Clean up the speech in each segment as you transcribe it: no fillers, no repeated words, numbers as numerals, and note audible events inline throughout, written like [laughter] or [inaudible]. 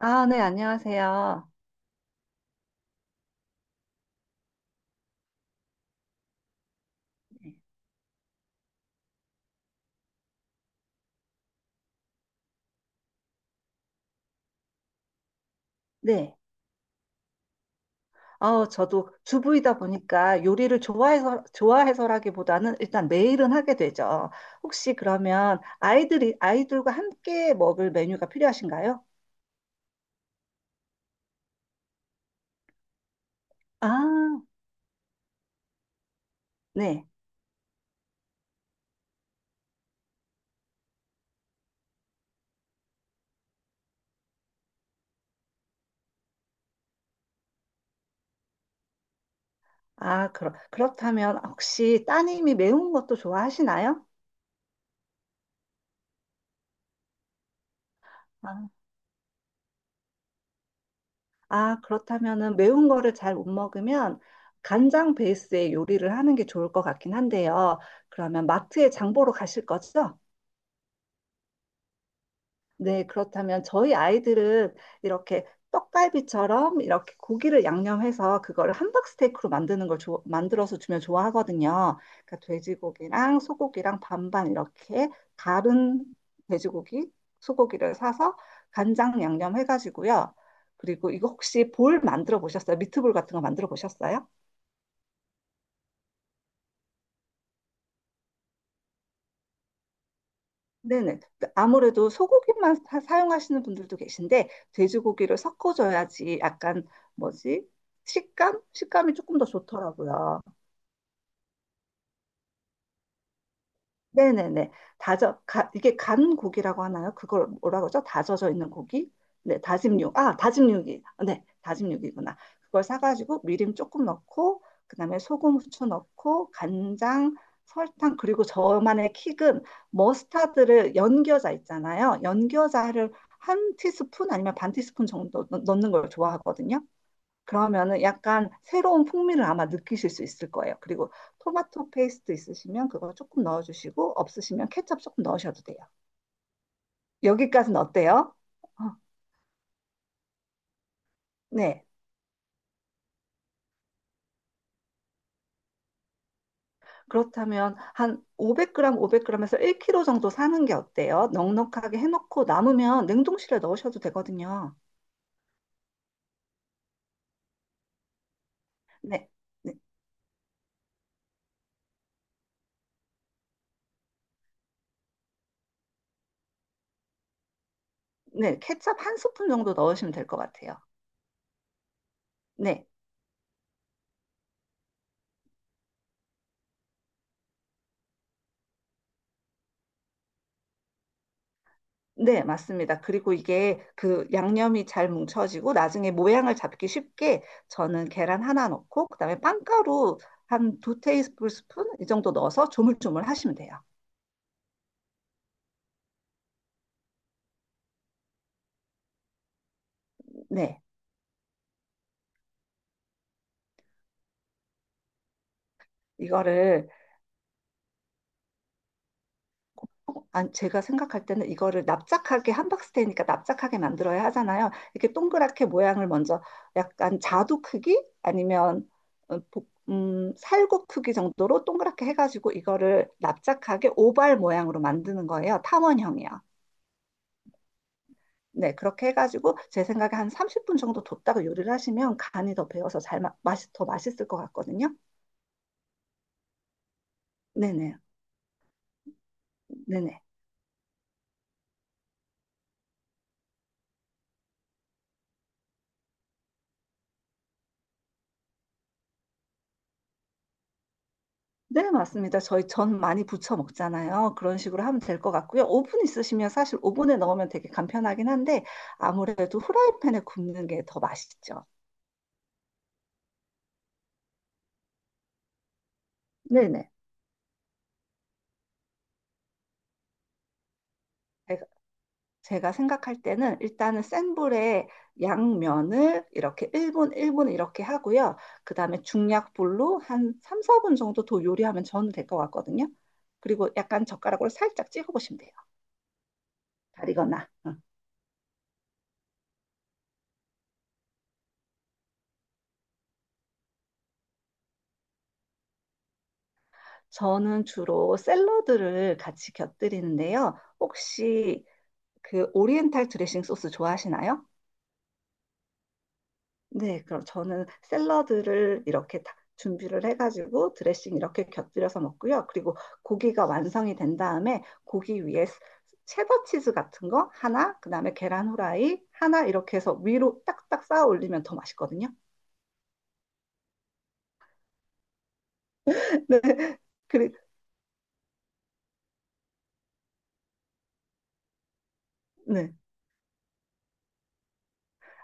아, 네, 안녕하세요. 네. 네. 어, 저도 주부이다 보니까 요리를 좋아해서라기보다는 일단 매일은 하게 되죠. 혹시 그러면 아이들과 함께 먹을 메뉴가 필요하신가요? 아, 네. 아, 그렇다면 혹시 따님이 매운 것도 좋아하시나요? 아, 아, 그렇다면은 매운 거를 잘 못 먹으면 간장 베이스의 요리를 하는 게 좋을 것 같긴 한데요. 그러면 마트에 장 보러 가실 거죠? 네, 그렇다면 저희 아이들은 이렇게 떡갈비처럼 이렇게 고기를 양념해서 그거를 함박스테이크로 만드는 걸 만들어서 주면 좋아하거든요. 그러니까 돼지고기랑 소고기랑 반반 이렇게 다른 돼지고기, 소고기를 사서 간장 양념 해가지고요. 그리고 이거 혹시 볼 만들어 보셨어요? 미트볼 같은 거 만들어 보셨어요? 네네. 아무래도 소고기만 사용하시는 분들도 계신데, 돼지고기를 섞어줘야지 약간, 뭐지? 식감? 식감이 조금 더 좋더라고요. 네네네. 이게 간 고기라고 하나요? 그걸 뭐라고 그러죠? 다져져 있는 고기? 네, 다짐육. 아, 다짐육이. 네, 다짐육이구나. 그걸 사가지고 미림 조금 넣고, 그 다음에 소금, 후추 넣고, 간장, 설탕, 그리고 저만의 킥은 머스타드를 연겨자 있잖아요. 연겨자를 한 티스푼 아니면 반 티스푼 정도 넣는 걸 좋아하거든요. 그러면은 약간 새로운 풍미를 아마 느끼실 수 있을 거예요. 그리고 토마토 페이스트 있으시면 그거 조금 넣어주시고 없으시면 케첩 조금 넣으셔도 돼요. 여기까지는 어때요? 어, 네. 그렇다면 한 500g, 500g에서 1kg 정도 사는 게 어때요? 넉넉하게 해놓고 남으면 냉동실에 넣으셔도 되거든요. 네. 네, 네. 케첩 한 스푼 정도 넣으시면 될 것 같아요. 네. 네, 맞습니다. 그리고 이게 그 양념이 잘 뭉쳐지고 나중에 모양을 잡기 쉽게 저는 계란 하나 넣고 그다음에 빵가루 한 두 테이블 스푼 이 정도 넣어서 조물조물 하시면 돼요. 네. 이거를 어, 제가 생각할 때는 이거를 납작하게 함박스테이니까 납작하게 만들어야 하잖아요. 이렇게 동그랗게 모양을 먼저 약간 자두 크기 아니면 어, 살구 크기 정도로 동그랗게 해가지고 이거를 납작하게 오발 모양으로 만드는 거예요. 탐원형이요. 네, 그렇게 해가지고 제 생각에 한 30분 정도 뒀다가 요리를 하시면 간이 더 배어서 맛이 더 맛있을 것 같거든요. 네네, 네네. 네, 맞습니다. 저희 전 많이 부쳐 먹잖아요. 그런 식으로 하면 될 것 같고요. 오븐 있으시면 사실 오븐에 넣으면 되게 간편하긴 한데 아무래도 후라이팬에 굽는 게 더 맛있죠. 네네. 네, 제가 생각할 때는 일단은 센 불에 양면을 이렇게 1분, 1분 이렇게 하고요. 그 다음에 중약불로 한 3, 4분 정도 더 요리하면 저는 될 것 같거든요. 그리고 약간 젓가락으로 살짝 찍어보시면 돼요. 다리거나. 응. 저는 주로 샐러드를 같이 곁들이는데요. 혹시 그 오리엔탈 드레싱 소스 좋아하시나요? 네, 그럼 저는 샐러드를 이렇게 다 준비를 해가지고 드레싱 이렇게 곁들여서 먹고요. 그리고 고기가 완성이 된 다음에 고기 위에 체더 치즈 같은 거 하나, 그다음에 계란 후라이 하나 이렇게 해서 위로 딱딱 쌓아 올리면 더 맛있거든요. [laughs] 네, 그리, 네.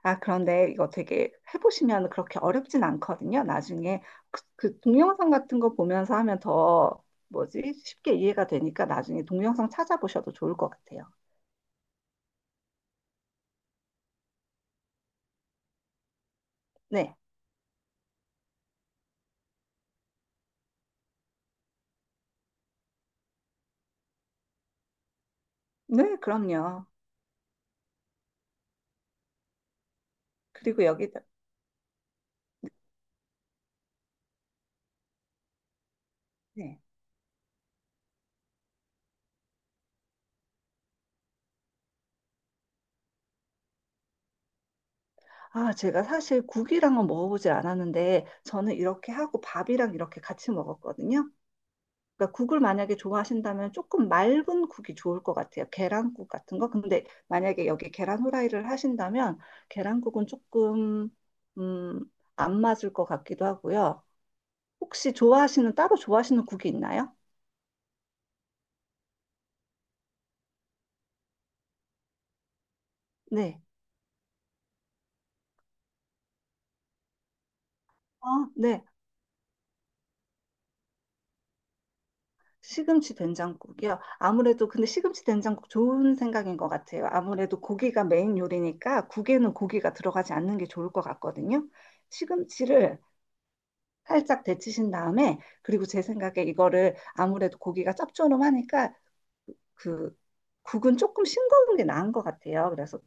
아, 그런데 이거 되게 해보시면 그렇게 어렵진 않거든요. 나중에 그 동영상 같은 거 보면서 하면 더 뭐지? 쉽게 이해가 되니까 나중에 동영상 찾아보셔도 좋을 것 같아요. 네. 네, 그럼요. 그리고 여기다, 네. 아, 제가 사실 국이랑은 먹어보질 않았는데, 저는 이렇게 하고 밥이랑 이렇게 같이 먹었거든요. 그러니까 국을 만약에 좋아하신다면 조금 맑은 국이 좋을 것 같아요. 계란국 같은 거. 근데 만약에 여기 계란 후라이를 하신다면, 계란국은 조금, 음, 안 맞을 것 같기도 하고요. 혹시 좋아하시는, 따로 좋아하시는 국이 있나요? 네. 아, 네. 시금치 된장국이요. 아무래도 근데 시금치 된장국 좋은 생각인 것 같아요. 아무래도 고기가 메인 요리니까 국에는 고기가 들어가지 않는 게 좋을 것 같거든요. 시금치를 살짝 데치신 다음에 그리고 제 생각에 이거를 아무래도 고기가 짭조름하니까 그 국은 조금 싱거운 게 나은 것 같아요. 그래서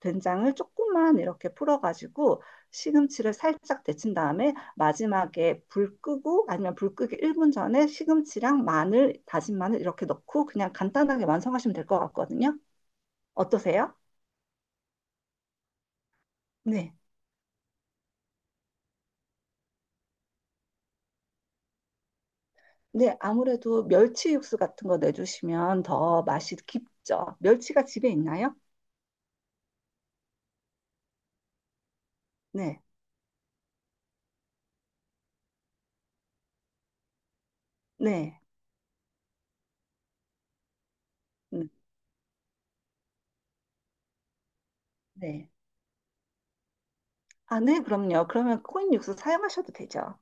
된장을 조금만 이렇게 풀어가지고 시금치를 살짝 데친 다음에 마지막에 불 끄고 아니면 불 끄기 1분 전에 시금치랑 마늘, 다진 마늘 이렇게 넣고 그냥 간단하게 완성하시면 될 것 같거든요. 어떠세요? 네. 네, 아무래도 멸치 육수 같은 거 내주시면 더 맛이 깊죠. 멸치가 집에 있나요? 네, 네, 음, 네. 아, 네, 그럼요. 그러면 코인 육수 사용하셔도 되죠.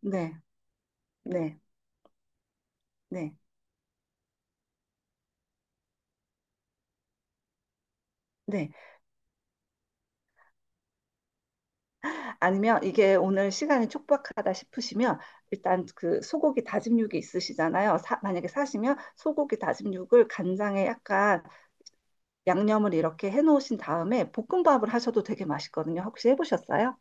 네. 네, 네, 네. 아니면 이게 오늘 시간이 촉박하다 싶으시면 일단 그 소고기 다짐육이 있으시잖아요. 만약에 사시면 소고기 다짐육을 간장에 약간 양념을 이렇게 해놓으신 다음에 볶음밥을 하셔도 되게 맛있거든요. 혹시 해보셨어요?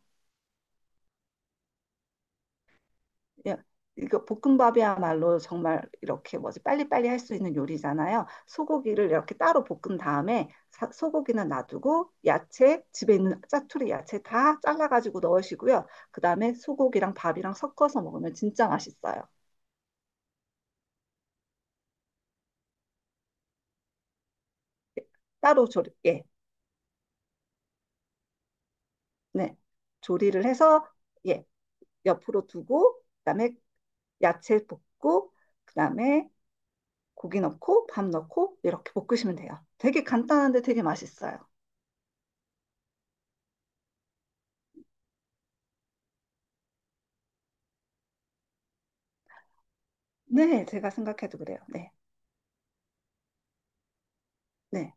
예, 이거 볶음밥이야말로 정말 이렇게 뭐지 빨리빨리 할 수 있는 요리잖아요. 소고기를 이렇게 따로 볶은 다음에 소고기는 놔두고 야채 집에 있는 짜투리 야채 다 잘라가지고 넣으시고요. 그 다음에 소고기랑 밥이랑 섞어서 먹으면 진짜 맛있어요. 따로 조리 예, 네 조리를 해서 예 옆으로 두고 그다음에 야채 볶고 그다음에 고기 넣고 밥 넣고 이렇게 볶으시면 돼요. 되게 간단한데 되게 맛있어요. 네, 제가 생각해도 그래요. 네, 네.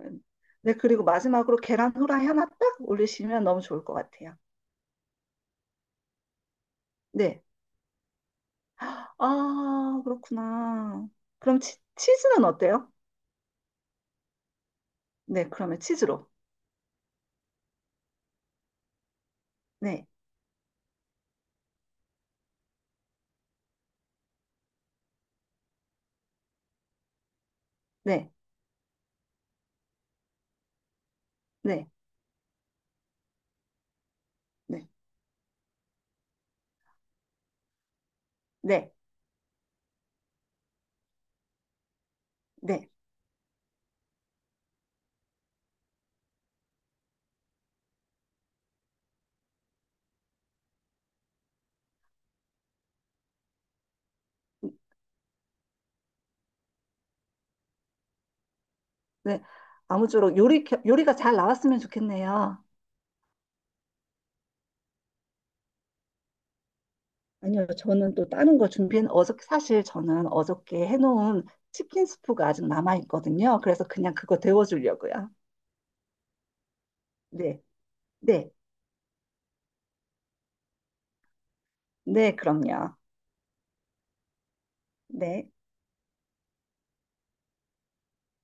음, 네, 그리고 마지막으로 계란 후라이 하나 딱 올리시면 너무 좋을 것 같아요. 네. 아, 그렇구나. 그럼 치즈는 어때요? 네, 그러면 치즈로. 네, 네, 네, 네, 네, 네, 네. 아무쪼록 요리가 잘 나왔으면 좋겠네요. 아니요, 저는 또 다른 거 준비해, 어저께, 사실 저는 어저께 해놓은 치킨 스프가 아직 남아있거든요. 그래서 그냥 그거 데워주려고요. 네, 네. 네, 그럼요. 네.